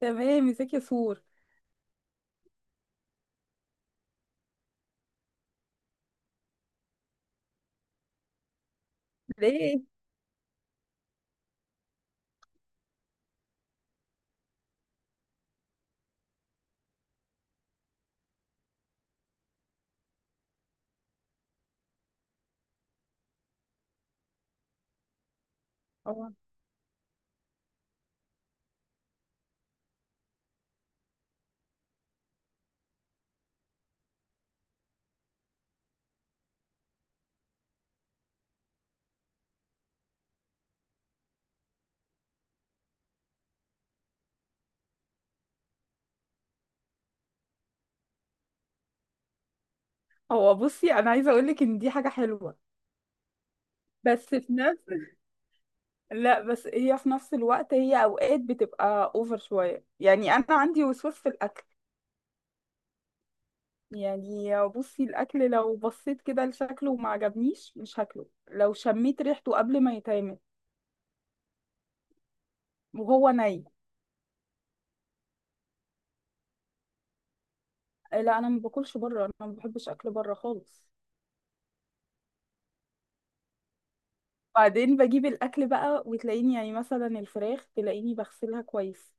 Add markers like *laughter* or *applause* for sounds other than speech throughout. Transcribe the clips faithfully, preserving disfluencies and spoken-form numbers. تمام مساكي سور. ليه؟ اه، هو بصي انا عايزه اقول لك ان دي حاجه حلوه. بس في نفس لا بس هي في نفس الوقت هي اوقات بتبقى اوفر شويه، يعني انا عندي وسواس في الاكل. يعني بصي الاكل لو بصيت كده لشكله وما عجبنيش مش هاكله، لو شميت ريحته قبل ما يتعمل وهو ني. لا انا ما باكلش بره، انا ما بحبش اكل بره خالص. بعدين بجيب الاكل بقى وتلاقيني يعني مثلا الفراخ تلاقيني بغسلها كويس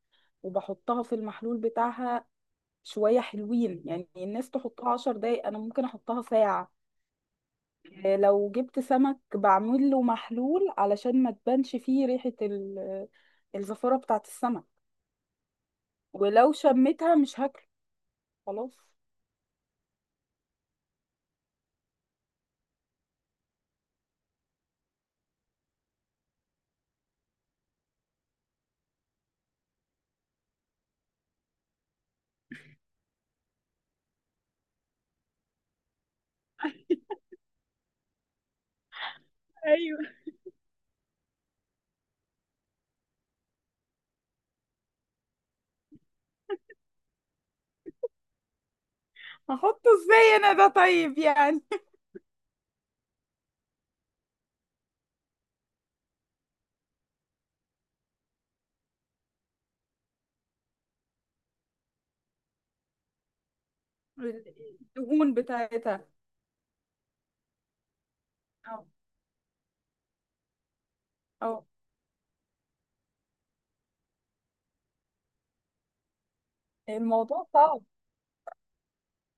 وبحطها في المحلول بتاعها. شوية حلوين، يعني الناس تحطها عشر دقايق أنا ممكن أحطها ساعة. آه، لو جبت سمك بعمل له محلول علشان ما تبانش فيه ريحة ال- الزفارة بتاعة السمك. ولو شميتها مش هاكله، خلاص. ايوه. هحطه ازاي انا ده طيب يعني. *laughs* الدهون بتاعتها. اه. اه. الموضوع صعب.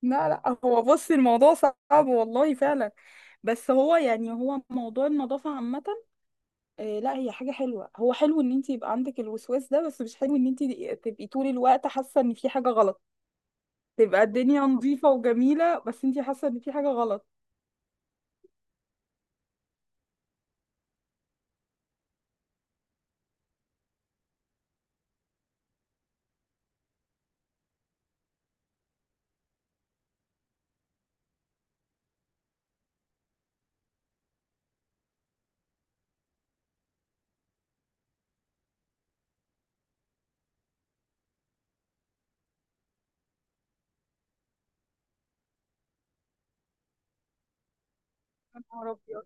لا لا، هو بص الموضوع صعب والله فعلا. بس هو يعني هو موضوع النظافة عامة. آه، لا هي حاجة حلوة، هو حلو ان انت يبقى عندك الوسواس ده، بس مش حلو ان انت تبقي طول الوقت حاسة ان في حاجة غلط. تبقى الدنيا نظيفة وجميلة بس انت حاسة ان في حاجة غلط. يا نهار أبيض.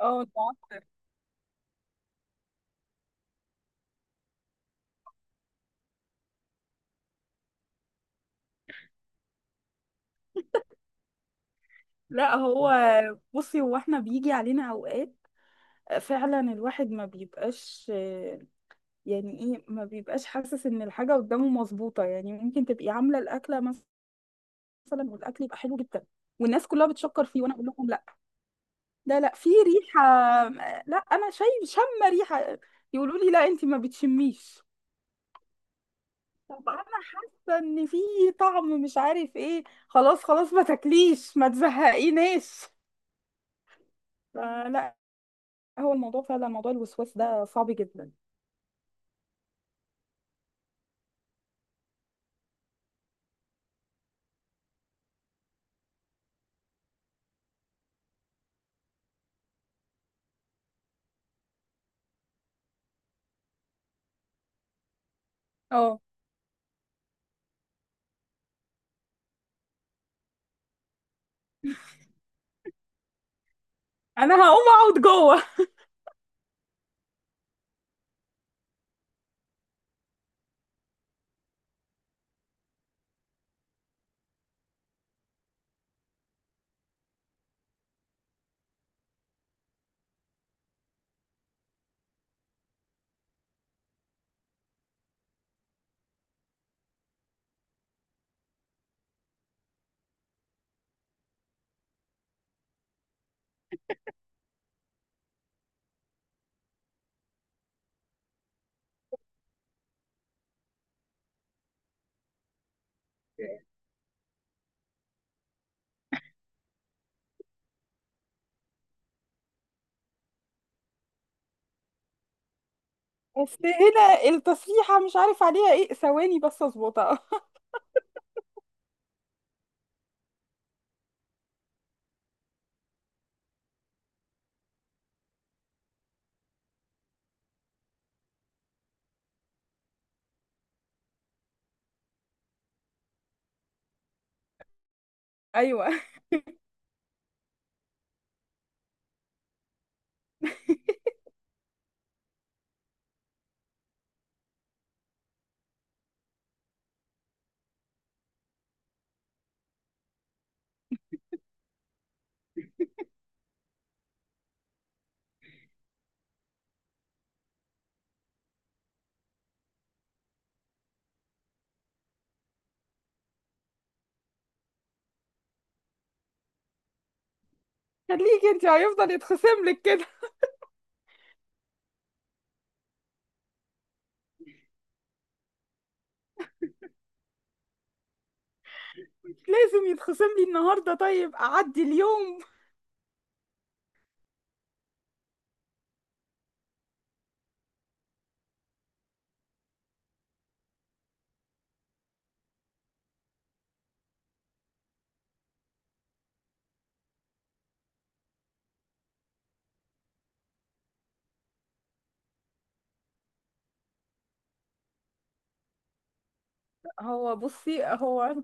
اه نعم. *laughs* لا هو بصي هو احنا بيجي علينا اوقات فعلا الواحد ما بيبقاش، آه، يعني ايه، ما بيبقاش حاسس ان الحاجة قدامه مظبوطة. يعني ممكن تبقي عاملة الأكلة مثلا والاكل يبقى حلو جدا والناس كلها بتشكر فيه وانا اقول لهم لا، ده لا في ريحة، لا أنا شايف شم ريحة. يقولوا لي لا أنت ما بتشميش. طب أنا حاسة إن في طعم مش عارف إيه. خلاص خلاص ما تاكليش ما تزهقيناش. فلا، هو الموضوع فعلا موضوع الوسواس ده صعب جدا. اه. أنا هقوم أقعد جوه. بس هنا التسريحة مش عارف عليها إيه، ثواني بس أظبطها. *laughs* أيوه. خليكي أنت هيفضل يتخصم لك كده. لازم يتخصم لي النهاردة، طيب أعدي اليوم. هو بصي هو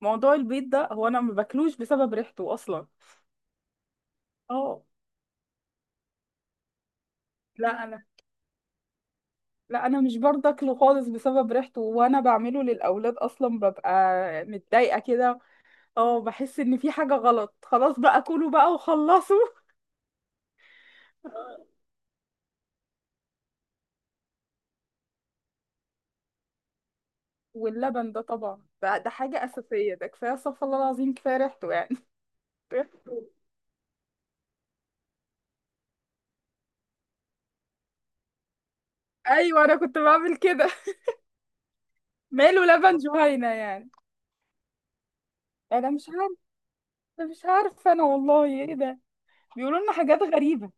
موضوع البيض ده هو انا ما باكلوش بسبب ريحته اصلا. اه. لا انا لا انا مش برضه اكله خالص بسبب ريحته، وانا بعمله للاولاد اصلا ببقى متضايقه كده. اه بحس ان في حاجه غلط، خلاص بقى كلوا بقى وخلصوا. *laughs* واللبن ده طبعا ده, ده حاجه اساسيه، ده كفايه استغفر الله العظيم كفايه ريحته يعني. *laughs* ريحته. ايوه انا كنت بعمل كده. ماله لبن جهينه يعني. انا مش عارفه، مش عارفه انا والله ايه ده. بيقولوا لنا حاجات غريبه.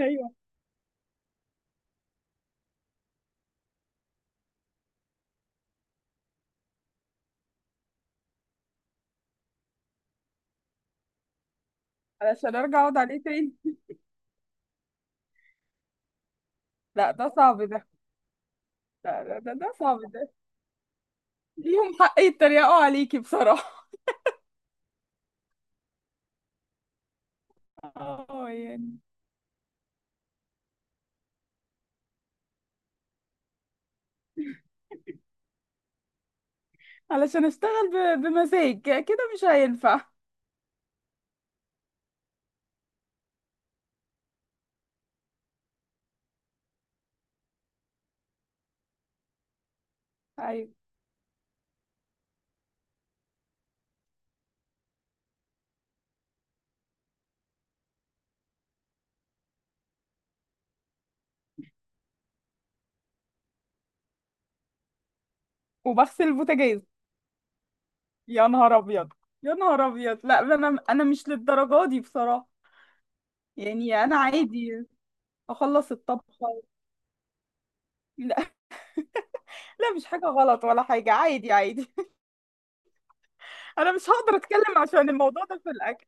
ايوه. علشان ارجع اقعد عليه تاني. لا ده صعب ده. لا ده ده, ده صعب ده. ليهم حق يتريقوا عليكي بصراحة. اه يعني. علشان اشتغل ب... بمزاج كده مش هينفع. ايوه. وبغسل البوتاجاز. يا نهار ابيض. يا نهار ابيض. لا ده انا انا مش للدرجة دي بصراحة. يعني انا عادي. اخلص الطبخة. لا. *laughs* لا مش حاجة غلط ولا حاجة، عادي عادي. *laughs* انا مش هقدر اتكلم عشان الموضوع ده في الاكل.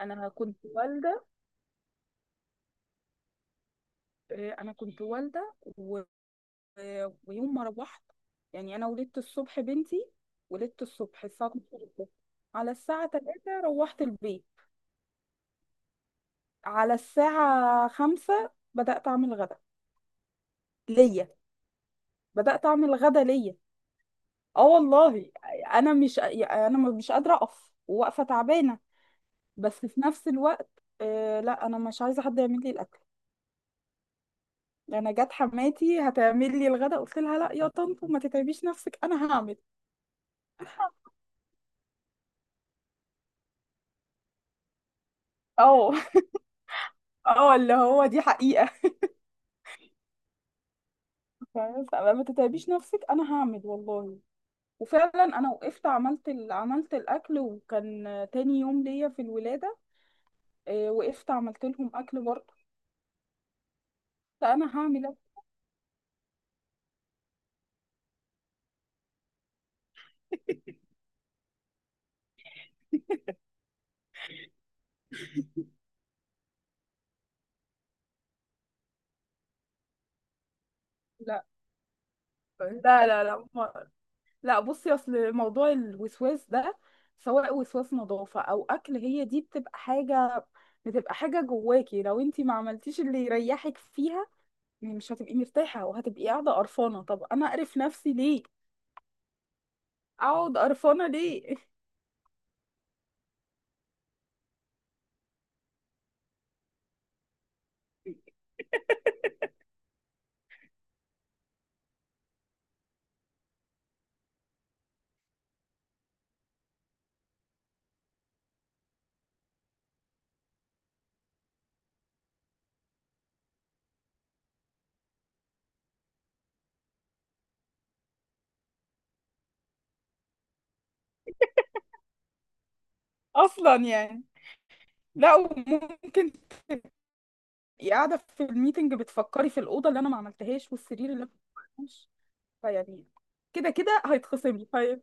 انا كنت والدة. إيه، انا كنت والدة. آه، ويوم ما روحت، يعني انا ولدت الصبح بنتي. ولدت الصبح الساعه اتناشر الصبح، على الساعه ثلاثة روحت البيت. على الساعه خمسة بدات اعمل غدا ليا. بدات اعمل غدا ليا اه والله. انا مش انا مش قادره اقف، واقفه تعبانه. بس في نفس الوقت، آه لا انا مش عايزه حد يعمل لي الاكل. انا جت حماتي هتعمل لي الغدا قلت لها لا يا طنط ما تتعبيش نفسك انا هعمل. اه. *laughs* اه اللي هو دي حقيقة. فاهمة؟ فما تتعبيش نفسك انا هعمل والله. وفعلا انا وقفت عملت ال... عملت الاكل وكان تاني يوم ليا في الولاده. آه، وقفت عملت لهم اكل برضه. لا انا هعمل أكل. لا لا لا لا ما- لا بصي اصل موضوع الوسواس ده، سواء وسواس نظافه او اكل، هي دي بتبقى حاجه، بتبقى حاجه جواكي لو انتي ما عملتيش اللي يريحك فيها. يعني مش هتبقي مرتاحه وهتبقي قاعده قرفانه، طب انا اقرف نفسي ليه؟ اقعد قرفانه ليه؟ *laughs* اصلا يعني. لا، وممكن تبقي قاعده في الميتنج بتفكري في الاوضه اللي انا ما عملتهاش، والسرير اللي انا ما عملتهاش. فيعني كده كده هيتخصم لي في-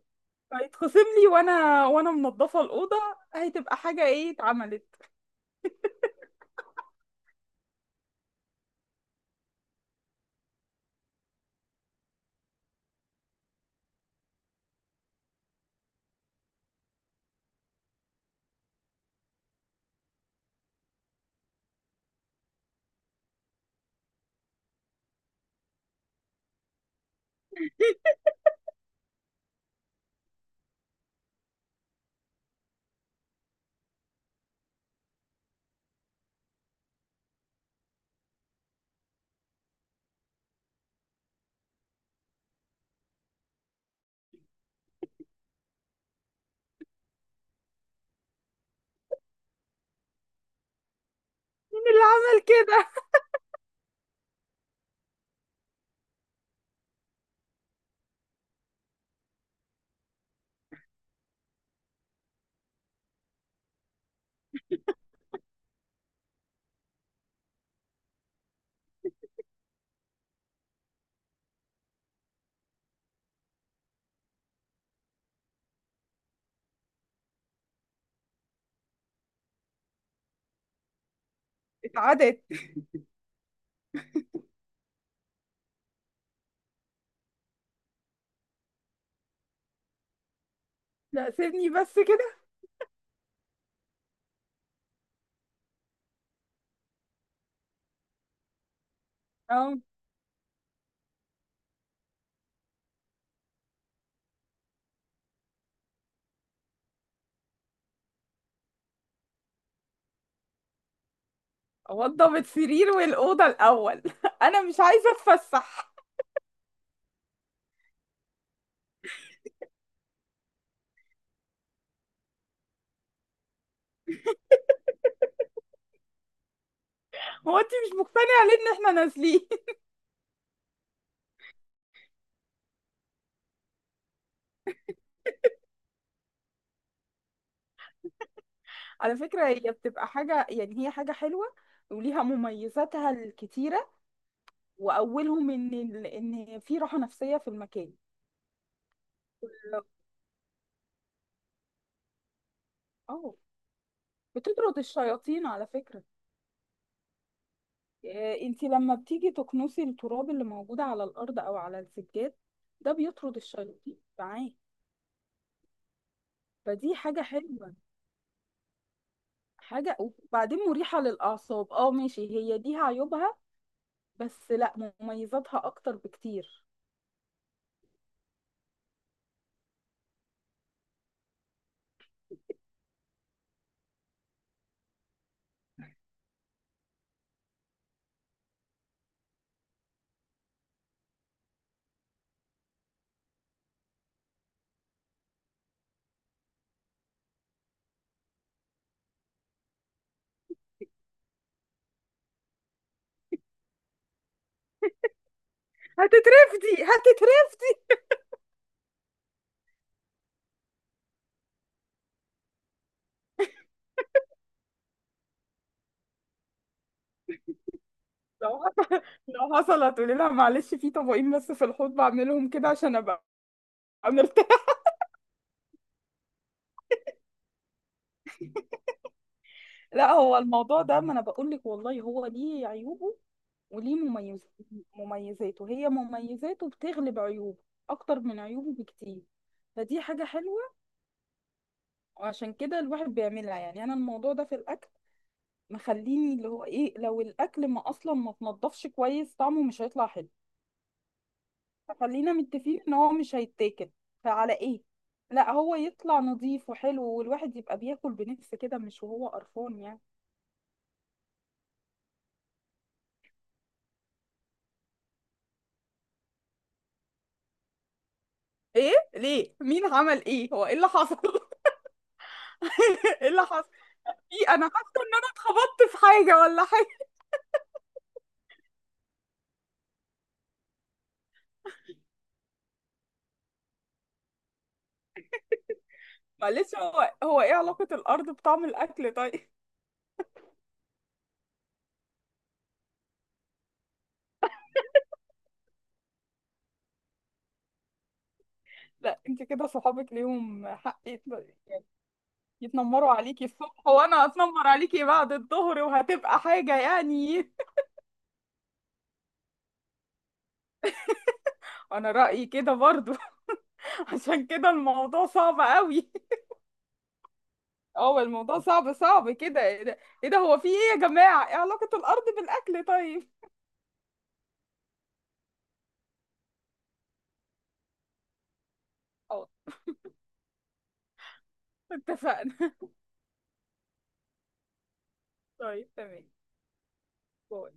هيتخصم لي، وانا وانا منظفه الاوضه. هتبقى حاجه ايه اتعملت. مين اللي عمل كده؟ اتعادت. لا سيبني بس كده. اه. اوضب السرير والاوضه الاول. *laughs* انا مش عايزه اتفسح. هو انت مش مقتنعه ليه ان احنا نازلين؟ *laughs* على فكره هي بتبقى حاجه، يعني هي حاجه حلوه، وليها مميزاتها الكتيرة، واولهم ان ال- ان في راحه نفسيه في المكان. اه. بتطرد الشياطين على فكره. آه، انت لما بتيجي تكنسي التراب اللي موجود على الارض او على السجاد، ده بيطرد الشياطين معاه. فدي حاجه حلوه. حاجه وبعدين مريحه للاعصاب. اه ماشي، هي دي عيوبها، بس لا مميزاتها اكتر بكتير. هتترفدي هتترفدي لو حصل- *laughs* لو حصلت تقولي لها معلش في طبقين بس في الحوض بعملهم كده عشان ابقى عملت. لا هو الموضوع ده ما انا بقول لك والله هو ليه عيوبه وليه مميز. مميزاته، هي مميزاته بتغلب عيوبه اكتر من عيوبه بكتير. فدي حاجة حلوة. وعشان كده الواحد بيعملها. يعني انا الموضوع ده في الاكل مخليني اللي هو ايه، لو الاكل ما اصلا ما تنضفش كويس طعمه مش هيطلع حلو. فخلينا متفقين ان هو مش هيتاكل، فعلى ايه؟ لا هو يطلع نظيف وحلو والواحد يبقى بياكل بنفس كده، مش وهو قرفان يعني. ايه ليه؟ مين عمل ايه؟ هو ايه اللي حصل؟ *laughs* ايه اللي حصل؟ في، انا حاسه ان انا اتخبطت في حاجه ولا حاجه؟ معلش هو هو ايه علاقه الارض بطعم الاكل طيب؟ *laughs* لا انت كده صحابك ليهم حق يت- يتنمروا عليكي الصبح وانا اتنمر عليكي بعد الظهر، وهتبقى حاجه يعني. *laughs* انا رايي كده برضو. *laughs* عشان كده الموضوع صعب قوي. *laughs* اه الموضوع صعب، صعب كده ايه ده. إيه ده، هو في ايه يا جماعه؟ ايه علاقه الارض بالاكل طيب؟ اه. اتفقنا. *laughs* طيب تمام. باي.